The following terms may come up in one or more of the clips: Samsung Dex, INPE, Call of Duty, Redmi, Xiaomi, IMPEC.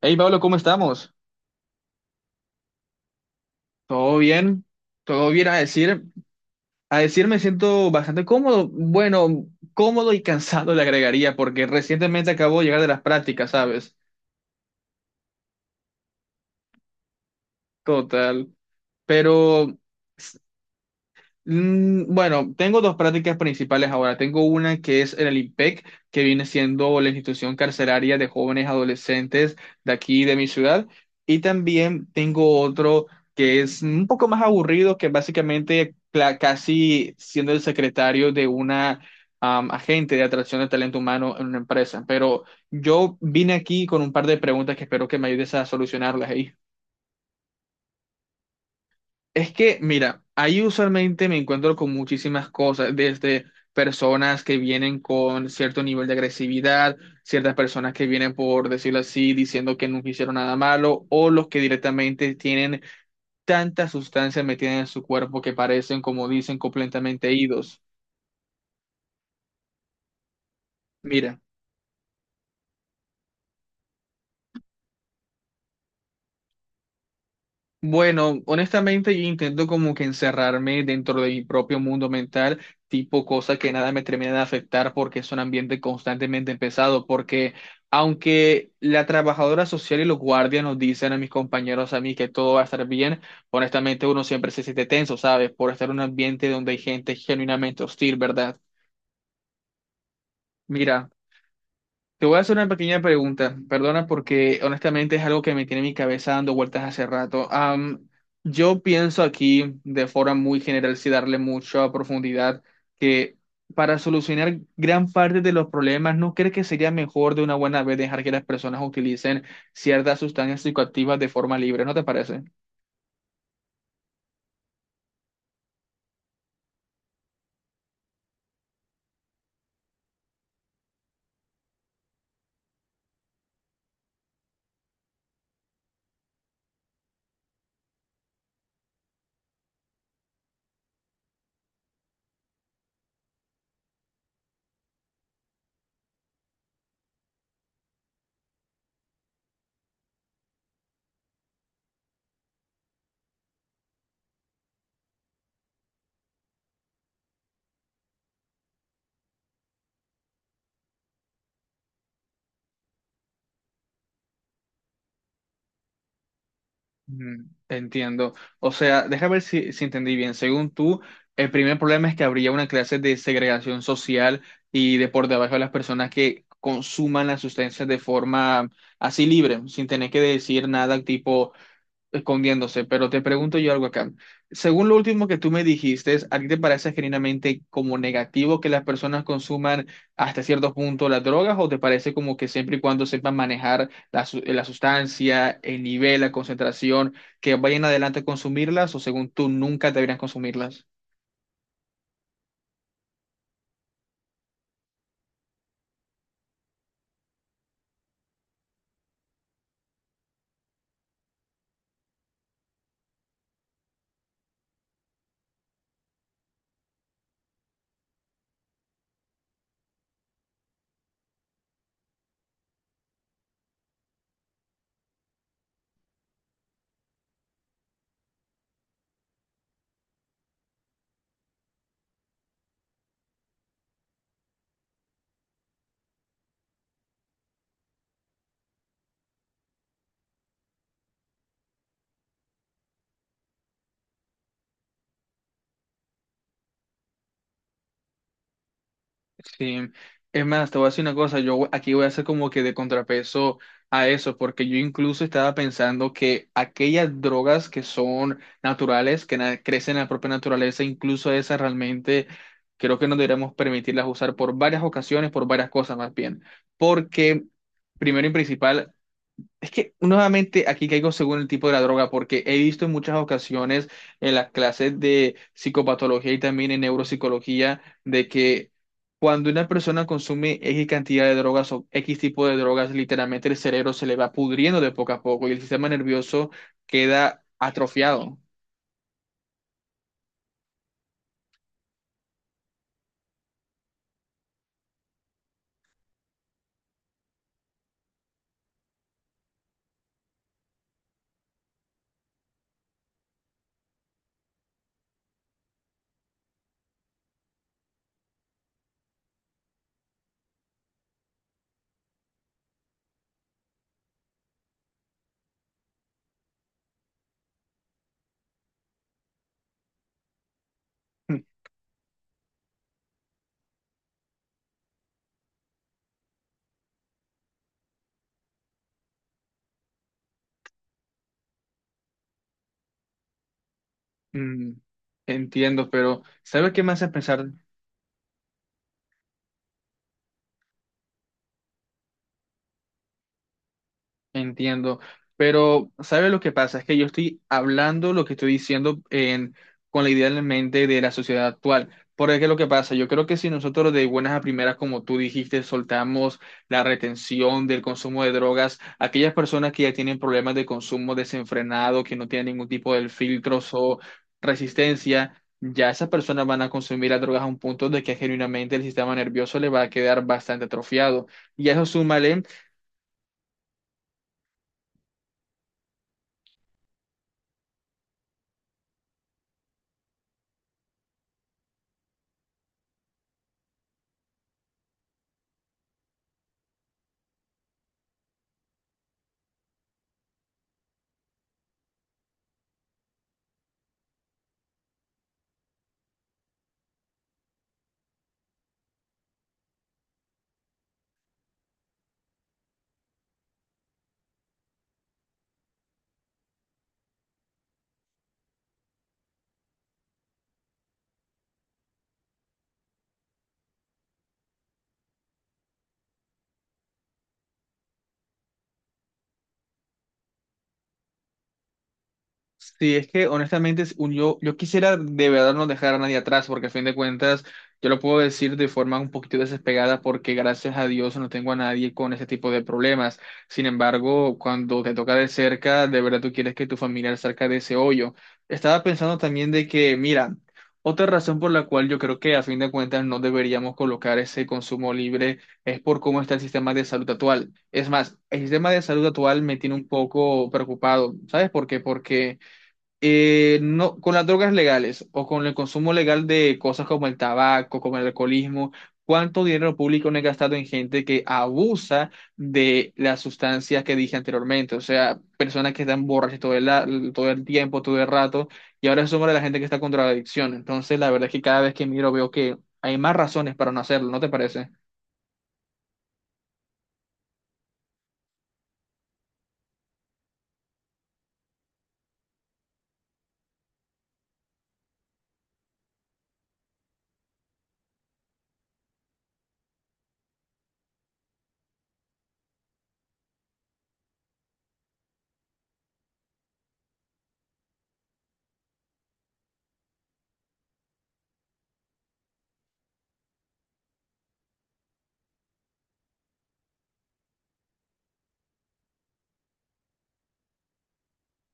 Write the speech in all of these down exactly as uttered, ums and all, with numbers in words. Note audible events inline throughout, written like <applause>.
Hey Pablo, ¿cómo estamos? ¿Todo bien? Todo bien a decir, a decir me siento bastante cómodo, bueno, cómodo y cansado le agregaría porque recientemente acabo de llegar de las prácticas, ¿sabes? Total. Pero Mm, Bueno, tengo dos prácticas principales ahora. Tengo una que es el I M P E C, que viene siendo la institución carcelaria de jóvenes adolescentes de aquí, de mi ciudad. Y también tengo otro que es un poco más aburrido, que básicamente cla- casi siendo el secretario de una am, agente de atracción de talento humano en una empresa. Pero yo vine aquí con un par de preguntas que espero que me ayudes a solucionarlas ahí. Es que, mira, ahí usualmente me encuentro con muchísimas cosas, desde personas que vienen con cierto nivel de agresividad, ciertas personas que vienen, por decirlo así, diciendo que nunca hicieron nada malo, o los que directamente tienen tanta sustancia metida en su cuerpo que parecen, como dicen, completamente idos. Mira. Bueno, honestamente yo intento como que encerrarme dentro de mi propio mundo mental, tipo cosa que nada me termina de afectar porque es un ambiente constantemente pesado, porque aunque la trabajadora social y los guardias nos dicen a mis compañeros, a mí que todo va a estar bien, honestamente uno siempre se siente tenso, ¿sabes? Por estar en un ambiente donde hay gente genuinamente hostil, ¿verdad? Mira. Te voy a hacer una pequeña pregunta, perdona porque honestamente es algo que me tiene mi cabeza dando vueltas hace rato. Am, yo pienso aquí de forma muy general, sin darle mucha profundidad, que para solucionar gran parte de los problemas, ¿no crees que sería mejor de una buena vez dejar que las personas utilicen ciertas sustancias psicoactivas de forma libre? ¿No te parece? Mm, Entiendo. O sea, déjame ver si, si entendí bien. Según tú, el primer problema es que habría una clase de segregación social y de por debajo de las personas que consuman las sustancias de forma así libre, sin tener que decir nada tipo, escondiéndose, pero te pregunto yo algo acá. Según lo último que tú me dijiste, ¿a ti te parece genuinamente como negativo que las personas consuman hasta cierto punto las drogas o te parece como que siempre y cuando sepan manejar la, su- la sustancia, el nivel, la concentración, que vayan adelante a consumirlas o según tú nunca deberían consumirlas? Sí, es más, te voy a decir una cosa, yo voy- aquí voy a hacer como que de contrapeso a eso, porque yo incluso estaba pensando que aquellas drogas que son naturales, que na- crecen en la propia naturaleza, incluso esas realmente creo que no deberíamos permitirlas usar por varias ocasiones, por varias cosas más bien, porque primero y principal, es que nuevamente aquí caigo según el tipo de la droga, porque he visto en muchas ocasiones en las clases de psicopatología y también en neuropsicología de que cuando una persona consume X cantidad de drogas o X tipo de drogas, literalmente el cerebro se le va pudriendo de poco a poco y el sistema nervioso queda atrofiado. <laughs> Mm, Entiendo, pero ¿sabes qué me hace pensar? Entiendo, pero ¿sabe lo que pasa? Es que yo estoy hablando lo que estoy diciendo en- con la idea en la mente de la sociedad actual. Porque ¿qué es lo que pasa? Yo creo que si nosotros de buenas a primeras, como tú dijiste, soltamos la retención del consumo de drogas, aquellas personas que ya tienen problemas de consumo desenfrenado, que no tienen ningún tipo de filtros o resistencia, ya esas personas van a consumir las drogas a un punto de que genuinamente el sistema nervioso le va a quedar bastante atrofiado. Y a eso súmale. Sí, es que honestamente es un- yo, yo quisiera de verdad no dejar a nadie atrás, porque a fin de cuentas yo lo puedo decir de forma un poquito despegada, porque gracias a Dios no tengo a nadie con ese tipo de problemas. Sin embargo, cuando te toca de cerca, de verdad tú quieres que tu familiar salga de ese hoyo. Estaba pensando también de que, mira, otra razón por la cual yo creo que a fin de cuentas no deberíamos colocar ese consumo libre es por cómo está el sistema de salud actual. Es más, el sistema de salud actual me tiene un poco preocupado. ¿Sabes por qué? Porque eh, no, con las drogas legales o con el consumo legal de cosas como el tabaco, como el alcoholismo, ¿cuánto dinero público no he gastado en gente que abusa de las sustancias que dije anteriormente? O sea, personas que están borrachas todo el, la- todo el tiempo, todo el rato, y ahora somos de la gente que está con drogadicción. Entonces, la verdad es que cada vez que miro veo que hay más razones para no hacerlo, ¿no te parece?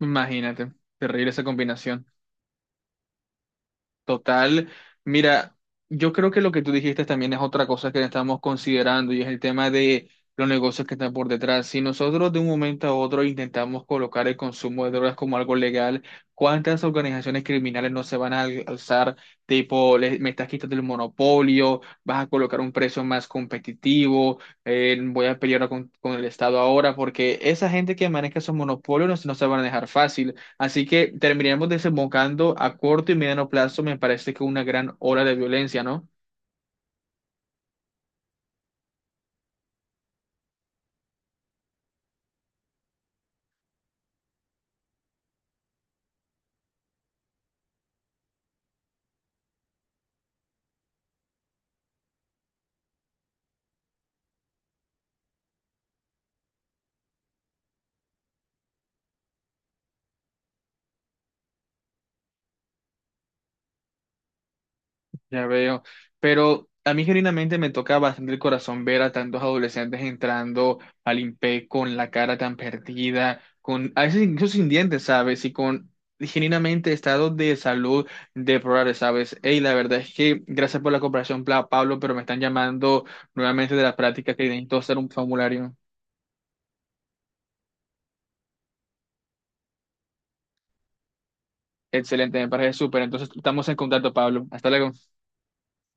Imagínate, terrible esa combinación. Total, mira, yo creo que lo que tú dijiste también es otra cosa que estamos considerando y es el tema de los negocios que están por detrás. Si nosotros de un momento a otro intentamos colocar el consumo de drogas como algo legal, ¿cuántas organizaciones criminales no se van a al- alzar? Tipo, le- me estás quitando el monopolio, vas a colocar un precio más competitivo, eh, voy a pelear con, con el Estado ahora, porque esa gente que maneja esos monopolios no, se- no se van a dejar fácil. Así que terminaremos desembocando a corto y mediano plazo, me parece que una gran ola de violencia, ¿no? Ya veo. Pero a mí genuinamente me toca bastante el corazón ver a tantos adolescentes entrando al I N P E con la cara tan perdida, con a veces incluso sin dientes, ¿sabes? Y con genuinamente estados de salud deplorables, ¿sabes? Ey, la verdad es que gracias por la cooperación, Pla- Pablo, pero me están llamando nuevamente de la práctica que necesito hacer un formulario. Excelente, me parece súper. Entonces estamos en contacto, Pablo. Hasta luego.